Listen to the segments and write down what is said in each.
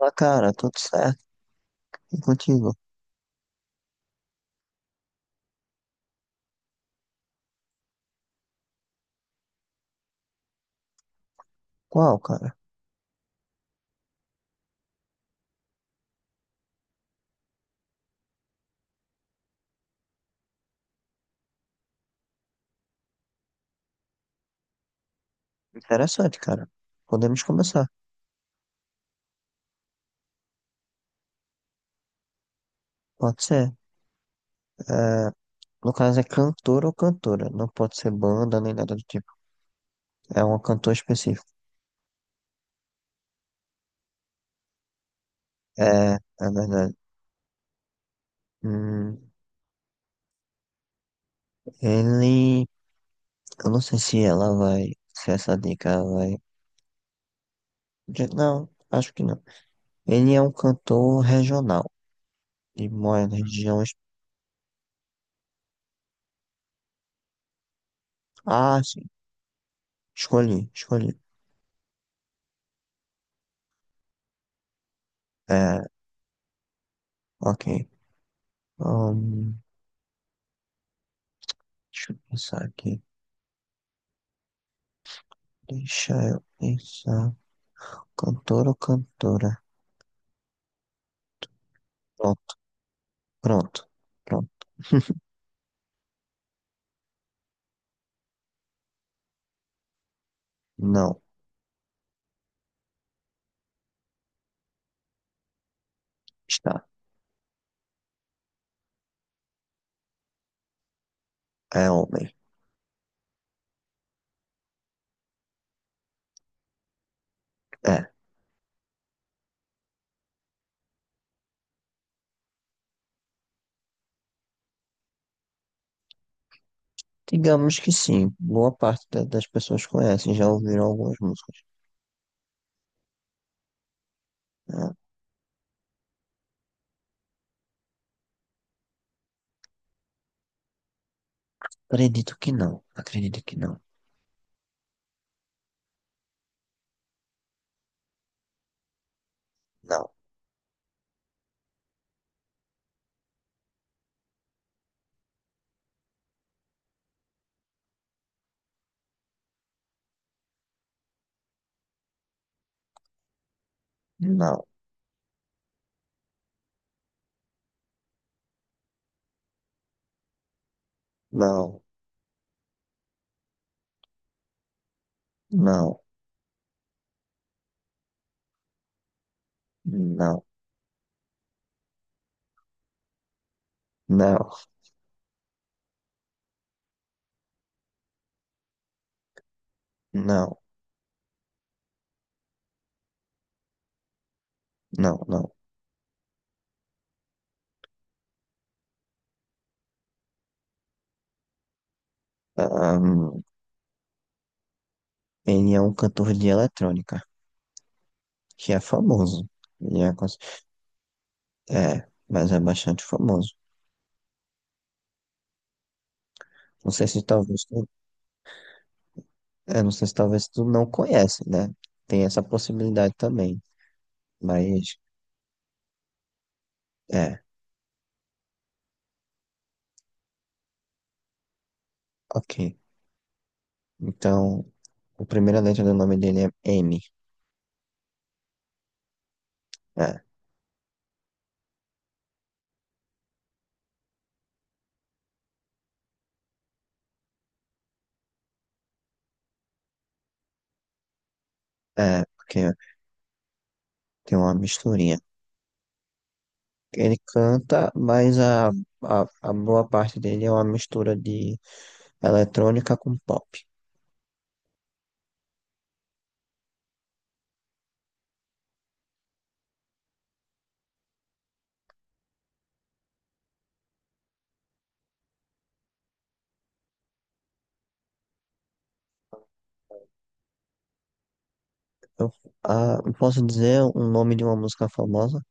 Ah, cara, tudo certo. E contigo? Qual, cara? Interessante, cara. Podemos começar. Pode ser. É, no caso, é cantor ou cantora. Não pode ser banda nem nada do tipo. É um cantor específico. É, é verdade. Hum, Ele. Eu não sei se ela vai. Se essa dica vai. Não, acho que não. Ele é um cantor regional. E mora na região. Ah, sim. Escolhi, escolhi. É, ok. Hum, Deixa eu pensar aqui. Deixa eu pensar. Cantor ou cantora? Pronto, pronto, pronto. Não, está. É homem. É. Digamos que sim. Boa parte das pessoas conhecem, já ouviram algumas músicas. Ah, acredito que não. Acredito que não. Não, não, não, não, não, não, não, não, não. Ahn, Ele é um cantor de eletrônica, que é famoso. Ele é, mas é bastante famoso. Não sei se talvez. É, não sei se talvez tu não conhece, né? Tem essa possibilidade também. Mas, é, ok. Então, a primeira letra do nome dele é M. É, é, porque tem uma misturinha. Ele canta, mas a boa parte dele é uma mistura de eletrônica com pop. Eu, eu posso dizer o nome de uma música famosa?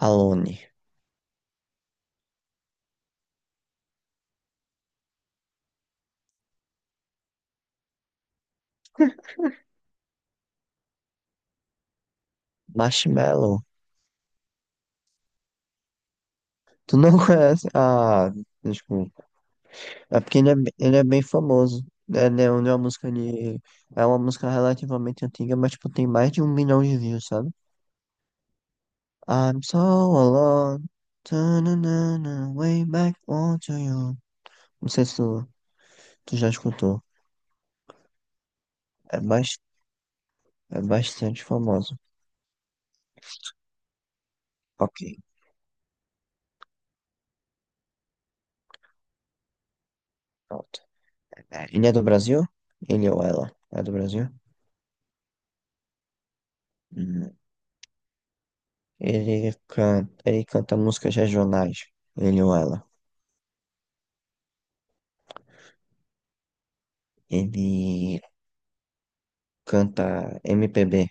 Alone. Marshmello. Tu não conhece? Ah, desculpa. É porque ele é bem famoso. É, né, é uma música de. É uma música relativamente antiga, mas tipo, tem mais de 1 milhão de views, sabe? I'm so alone. Ta-na-na-na, way back onto you. Não sei se tu já escutou. É, bas- é bastante famoso. Ok, pronto. É, ele é do Brasil? Ele ou ela? É do Brasil? Hum. Ele canta músicas regionais, ele ou ela. Ele canta MPB.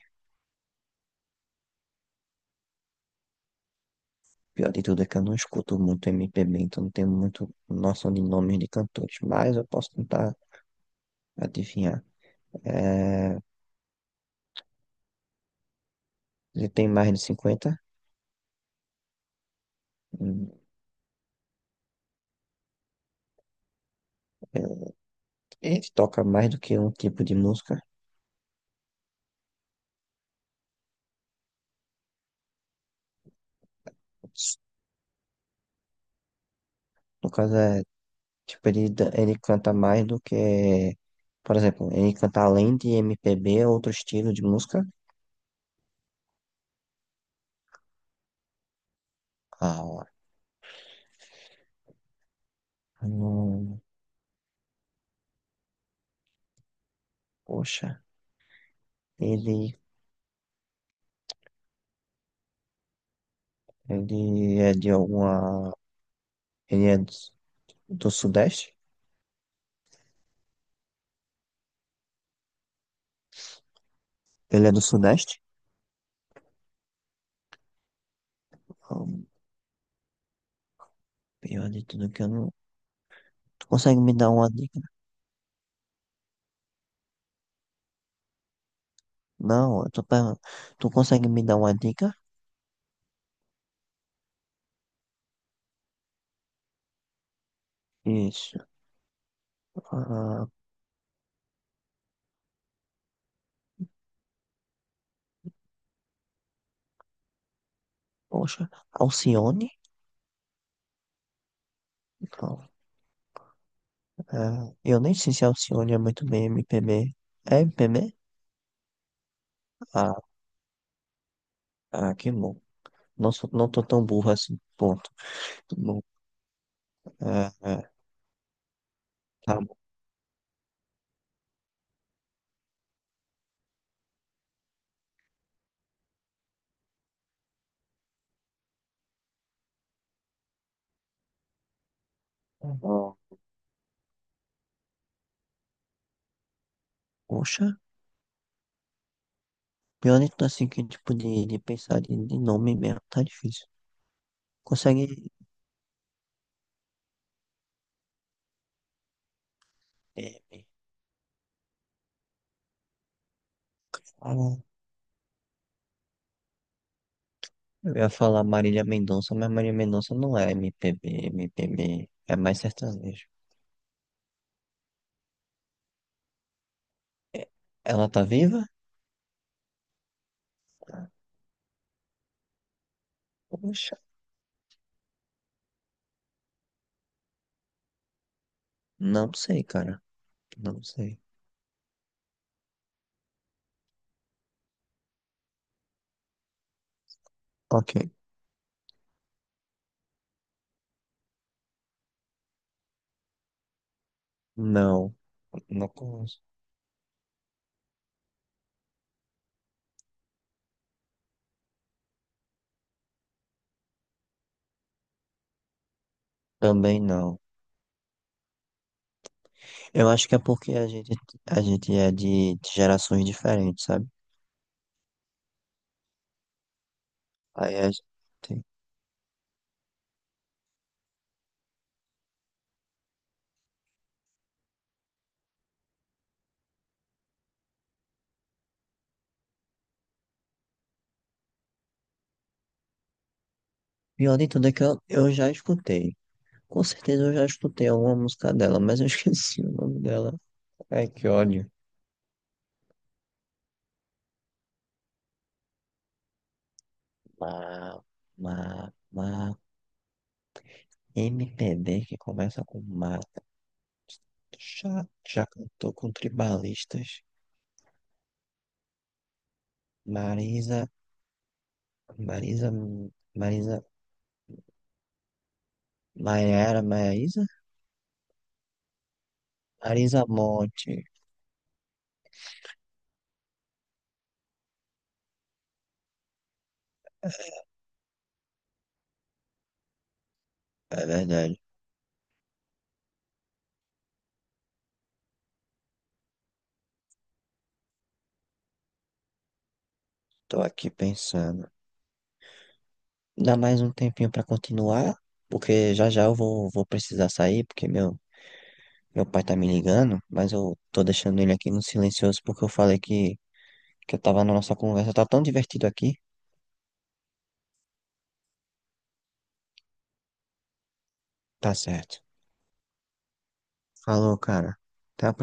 Pior de tudo é que eu não escuto muito MPB, então não tenho muito noção de nomes de cantores, mas eu posso tentar adivinhar. É, ele tem mais de 50. hum, é, Ele toca mais do que um tipo de música. No caso, é, tipo, ele canta mais do que. Por exemplo, ele canta além de MPB, outro estilo de música. Ah, não. Poxa. Ele, ele é de alguma. Ele é do Sudeste? Ele é do Sudeste? Ah, pior de tudo que eu não. Tu consegue me dar uma dica? Não, eu tô perguntando. Tu consegue me dar uma dica? Isso. Ah, poxa, Alcione? Não, é, eu nem sei se Alcione é muito bem MPB. É MPB? Ah, ah, que bom. Não, não tô tão burro assim. Ponto. Tá bom, é, tá bom. Ah, poxa. Pior então, assim, que, tipo, de pensar de nome mesmo, tá difícil. Consegue. é, me fala- eu ia falar Marília Mendonça, mas Marília Mendonça não é MPB, MPB. É mais sertanejo. É, ela tá viva? Poxa, não sei, cara. Não sei. Ok. Não, não conheço. Também não. Eu acho que é porque a gente é de gerações diferentes, sabe? Aí a gente... Pior de tudo é que eu já escutei. Com certeza eu já escutei alguma música dela, mas eu esqueci o nome dela. Ai, que ódio. Ma, ma, ma. MPB que começa com ma. Tu já cantou com tribalistas. Marisa, Marisa, Marisa, Maiara, Maísa? Marisa Monte. É verdade. Tô aqui pensando. Dá mais um tempinho pra continuar, porque já já eu vou precisar sair, porque Meu pai tá me ligando, mas eu tô deixando ele aqui no silencioso porque eu falei que eu tava na nossa conversa. Tá tão divertido aqui. Tá certo. Falou, cara. Até a próxima.